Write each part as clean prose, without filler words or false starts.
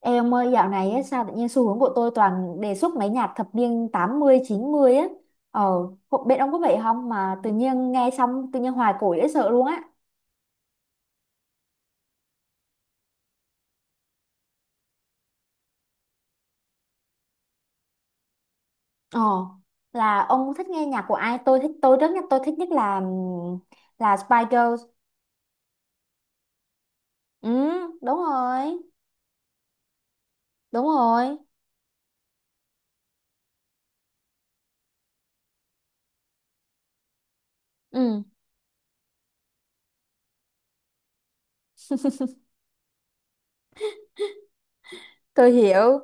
Ê ông ơi, dạo này ấy, sao tự nhiên xu hướng của tôi toàn đề xuất mấy nhạc thập niên 80 90 á. Ờ, bên ông có vậy không mà tự nhiên nghe xong tự nhiên hoài cổ dễ sợ luôn á. Ờ, là ông thích nghe nhạc của ai? Tôi thích nhất là là Spice Girls. Ừ, đúng rồi. Đúng rồi. Ừ, tôi hiểu.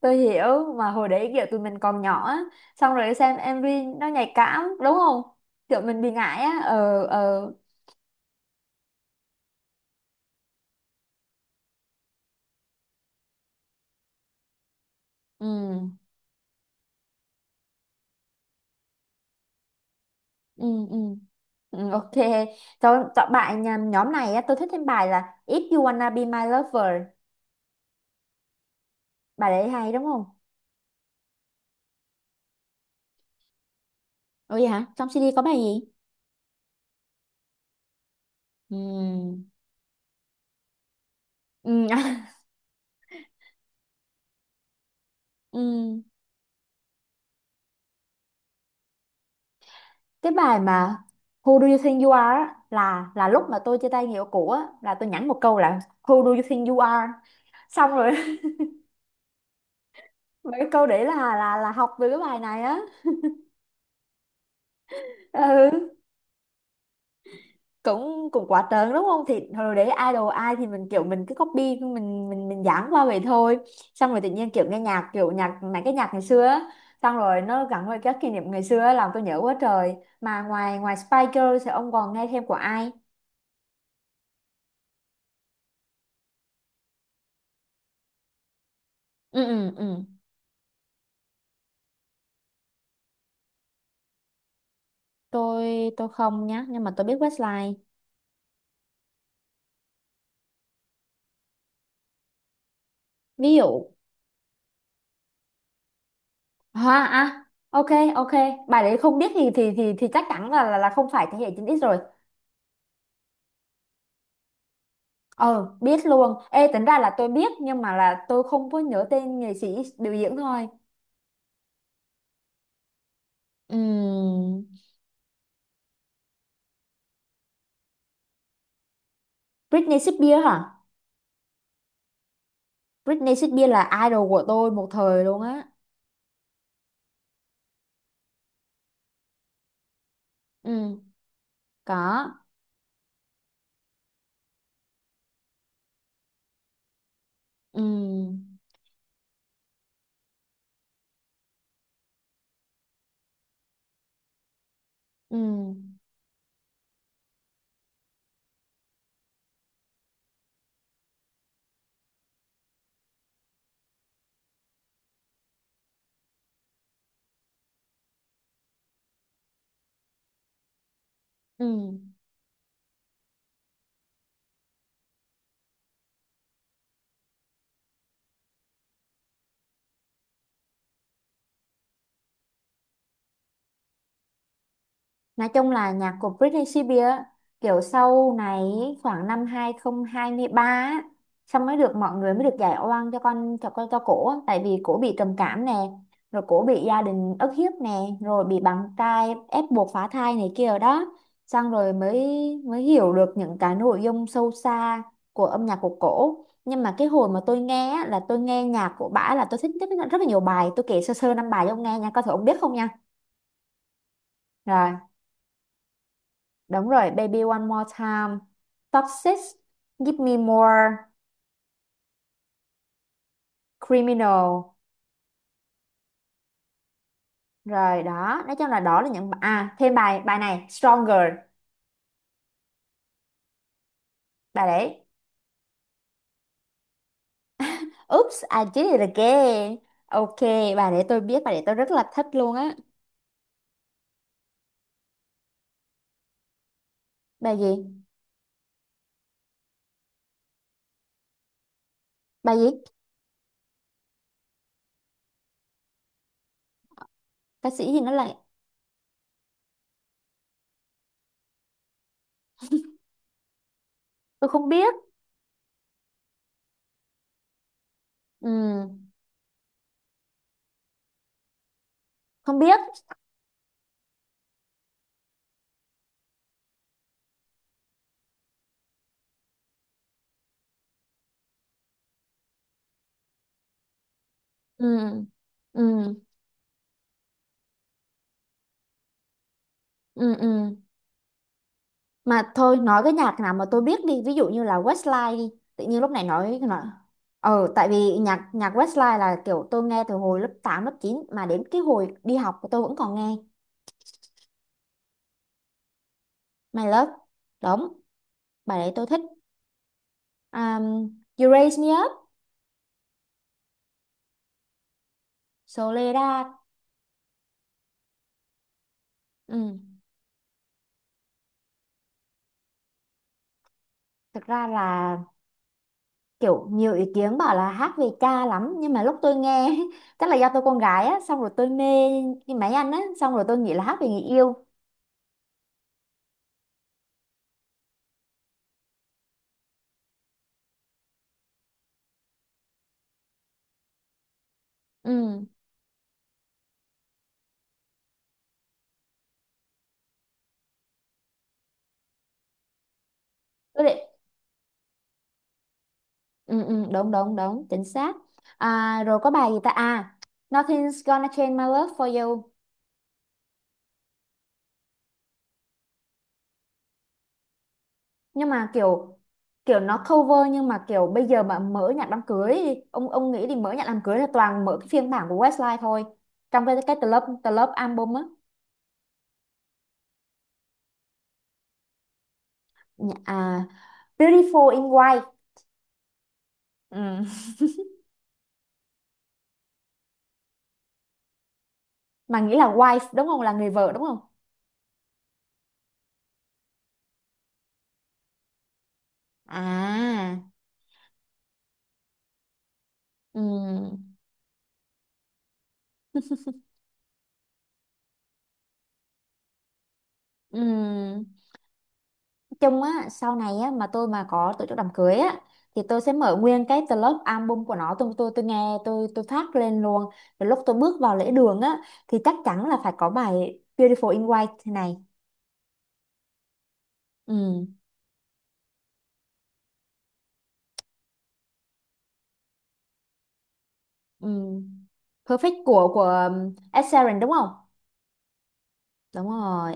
Tôi hiểu, mà hồi đấy kiểu tụi mình còn nhỏ á, xong rồi xem MV nó nhạy cảm đúng không? Kiểu mình bị ngại á. Ờ, ờ. Ừ, ừ, ừ. Ừ, ok, cho chọn bài nhóm này á, tôi thích thêm bài là If You Wanna Be My Lover. Bài đấy hay đúng không? Ủa vậy hả, trong CD có bài gì? Ừ, ừ, ừ. Cái bài mà Who do you think you are á, là lúc mà tôi chia tay người yêu cũ á, là tôi nhắn một câu là Who do you think you are, xong rồi. Mấy cái câu đấy là học từ cái bài này á. Ừ. cũng cũng quá trớn đúng không? Thì hồi đấy idol ai thì mình, kiểu mình cứ copy, mình dán qua vậy thôi. Xong rồi tự nhiên kiểu nghe nhạc, kiểu nhạc, mấy cái nhạc ngày xưa á, xong rồi nó gắn với các kỷ niệm ngày xưa á, làm tôi nhớ quá trời. Mà ngoài ngoài Spice Girls thì ông còn nghe thêm của ai? Ừ, ừ, ừ. Tôi không nhá, nhưng mà tôi biết Westlife. Ví dụ. À, à. Ok, ok. Bài đấy không biết thì chắc chắn là không phải thế hệ 9X rồi. Ờ, biết luôn. Ê, tính ra là tôi biết, nhưng mà là tôi không có nhớ tên nghệ sĩ biểu diễn thôi. Ừm, Britney Spears hả? Britney Spears là idol của tôi một thời luôn á. Ừ, có. Ừ, ừ, ừ. Nói chung là nhạc của Britney Spears á, kiểu sau này, khoảng năm 2023 á, xong mới được mọi người mới được giải oan cho cổ á. Tại vì cổ bị trầm cảm nè, rồi cổ bị gia đình ức hiếp nè, rồi bị bạn trai ép buộc phá thai này kia rồi đó, xong rồi mới mới hiểu được những cái nội dung sâu xa của âm nhạc của cổ. Nhưng mà cái hồi mà tôi nghe á, là tôi nghe nhạc của bả, là tôi thích rất, rất là nhiều bài. Tôi kể sơ sơ năm bài cho ông nghe nha, coi thử ông biết không nha. Rồi. Đúng rồi, Baby One More Time, Top 6, Give Me More, Criminal. Rồi đó, nói chung là đó là những thêm bài bài này Stronger, bài đấy. Oops, I did it again. Ok, bài để tôi biết, bài để tôi rất là thích luôn á. Bài gì? Bài gì? Ca sĩ gì nó lại, tôi không biết. Ừ, không biết. Ừ. Ừ, ừ, ừ. Ừ. Mà thôi, nói cái nhạc nào mà tôi biết đi, ví dụ như là Westlife đi. Tự nhiên lúc này nói. Tại vì nhạc nhạc Westlife là kiểu tôi nghe từ hồi lớp 8 lớp chín, mà đến cái hồi đi học tôi vẫn còn nghe. My Love. Đúng, bài đấy tôi thích. um, You Raise Me Up. Soledad. Ừ. Thực ra là kiểu nhiều ý kiến bảo là hát về cha lắm, nhưng mà lúc tôi nghe chắc là do tôi con gái á, xong rồi tôi mê cái máy anh á, xong rồi tôi nghĩ là hát về người yêu. Ừ. Tôi định. Ừ, ừ, đúng đúng đúng, chính xác. À, rồi có bài gì ta? À, Nothing's gonna change my love for you. Nhưng mà kiểu kiểu nó cover, nhưng mà kiểu bây giờ mà mở nhạc đám cưới đi, ông nghĩ đi, mở nhạc đám cưới là toàn mở cái phiên bản của Westlife thôi, trong cái The Love album á. Nhạc- à, Beautiful in White. Ừ. Mà nghĩ là wife đúng không, là người vợ đúng không? À. Ừ. Ừ. Chung á, sau này á mà tôi mà có tổ chức đám cưới á, thì tôi sẽ mở nguyên cái club album của nó. Tôi nghe, tôi phát lên luôn, rồi lúc tôi bước vào lễ đường á thì chắc chắn là phải có bài Beautiful in White này. Ừ, ừ. Perfect của Ed Sheeran đúng không? Đúng rồi.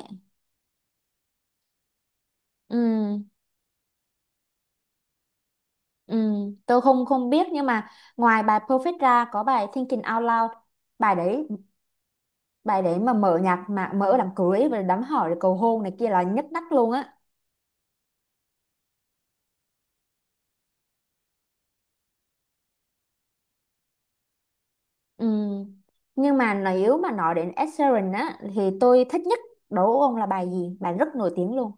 Ừ, ừ. Tôi không không biết, nhưng mà ngoài bài Perfect ra có bài Thinking Out Loud. Bài đấy. Bài đấy mà mở nhạc, mà mở đám cưới và đám hỏi rồi cầu hôn này kia là nhất đắt luôn á. Ừ. Nhưng mà nếu mà nói đến Ed Sheeran á thì tôi thích nhất, đối với ông là bài gì? Bài rất nổi tiếng luôn.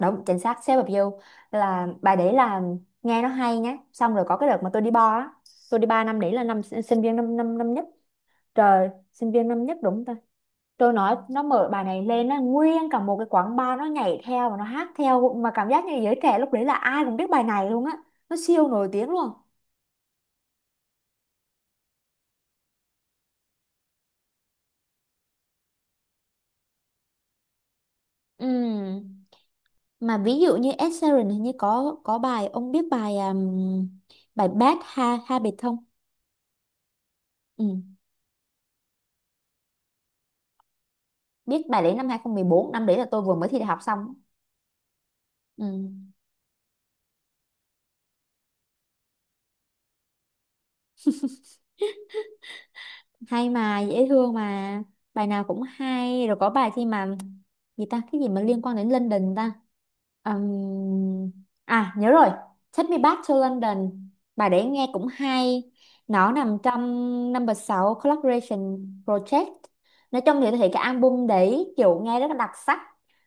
Đúng, chính xác, Shape of You là bài đấy, là nghe nó hay nhé. Xong rồi có cái đợt mà tôi đi bar á, tôi đi bar năm đấy là năm sinh sinh viên năm năm năm nhất. Trời, sinh viên năm nhất đúng ta. Tôi nói nó mở bài này lên, nó nguyên cả một cái quán bar nó nhảy theo và nó hát theo, mà cảm giác như giới trẻ lúc đấy là ai cũng biết bài này luôn á. Nó siêu nổi tiếng luôn. Ừ. Mà ví dụ như Ed Sheeran hình như có bài, ông biết bài bài Bad Habit không? Ừ. Biết bài đấy, năm 2014, năm đấy là tôi vừa mới thi đại học xong. Ừ. Hay mà dễ thương mà. Bài nào cũng hay. Rồi có bài khi mà gì ta, cái gì mà liên quan đến London ta. Ừm, À, nhớ rồi, Take Me Back to London, bài đấy nghe cũng hay. Nó nằm trong number 6 collaboration project. Nói chung thì tôi thấy cái album đấy kiểu nghe rất là đặc sắc,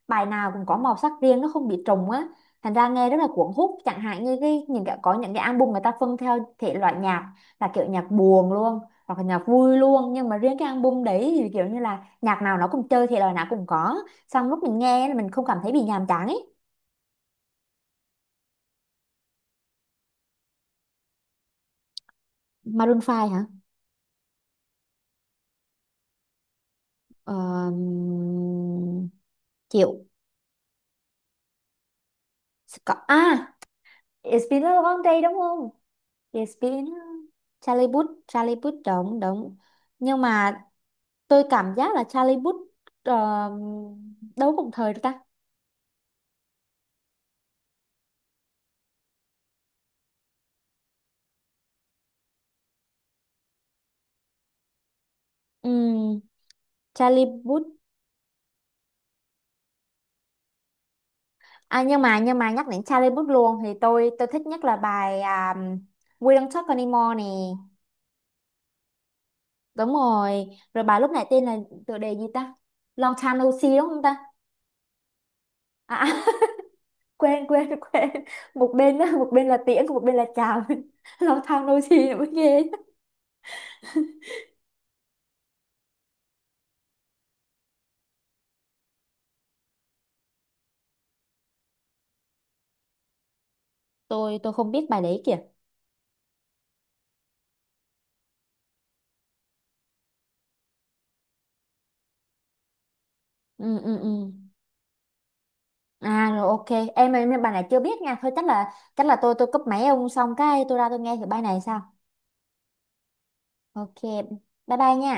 bài nào cũng có màu sắc riêng, nó không bị trùng á, thành ra nghe rất là cuốn hút. Chẳng hạn như cái những cái có những cái album người ta phân theo thể loại nhạc là kiểu nhạc buồn luôn hoặc là nhạc vui luôn, nhưng mà riêng cái album đấy thì kiểu như là nhạc nào nó cũng chơi thì lời nào cũng có, xong lúc mình nghe là mình không cảm thấy bị nhàm chán ấy. Maroon 5 hả? uh, Chịu. Có à, It's been a long day đúng không? It's been Charlie Puth, Charlie Puth đúng đúng. Nhưng mà tôi cảm giác là Charlie Puth ờ, đâu cùng thời được ta. Ừm, Charlie Puth. À, nhưng mà nhắc đến Charlie Puth luôn thì tôi thích nhất là bài We Don't Talk Anymore nè. Đúng rồi. Rồi bài lúc nãy tên là, tựa đề gì ta? Long Time No See đúng không ta? à, à, quên quên quên, một bên á, một bên là tiễn, một bên là chào. Long Time No See nữa mới ghê. Tôi không biết bài đấy kìa. Ừ, ừ, ừ. À, rồi ok. Em bài này chưa biết nha, thôi chắc là tôi cúp máy ông xong cái tôi ra tôi nghe thử bài này sao. Ok, bye bye nha.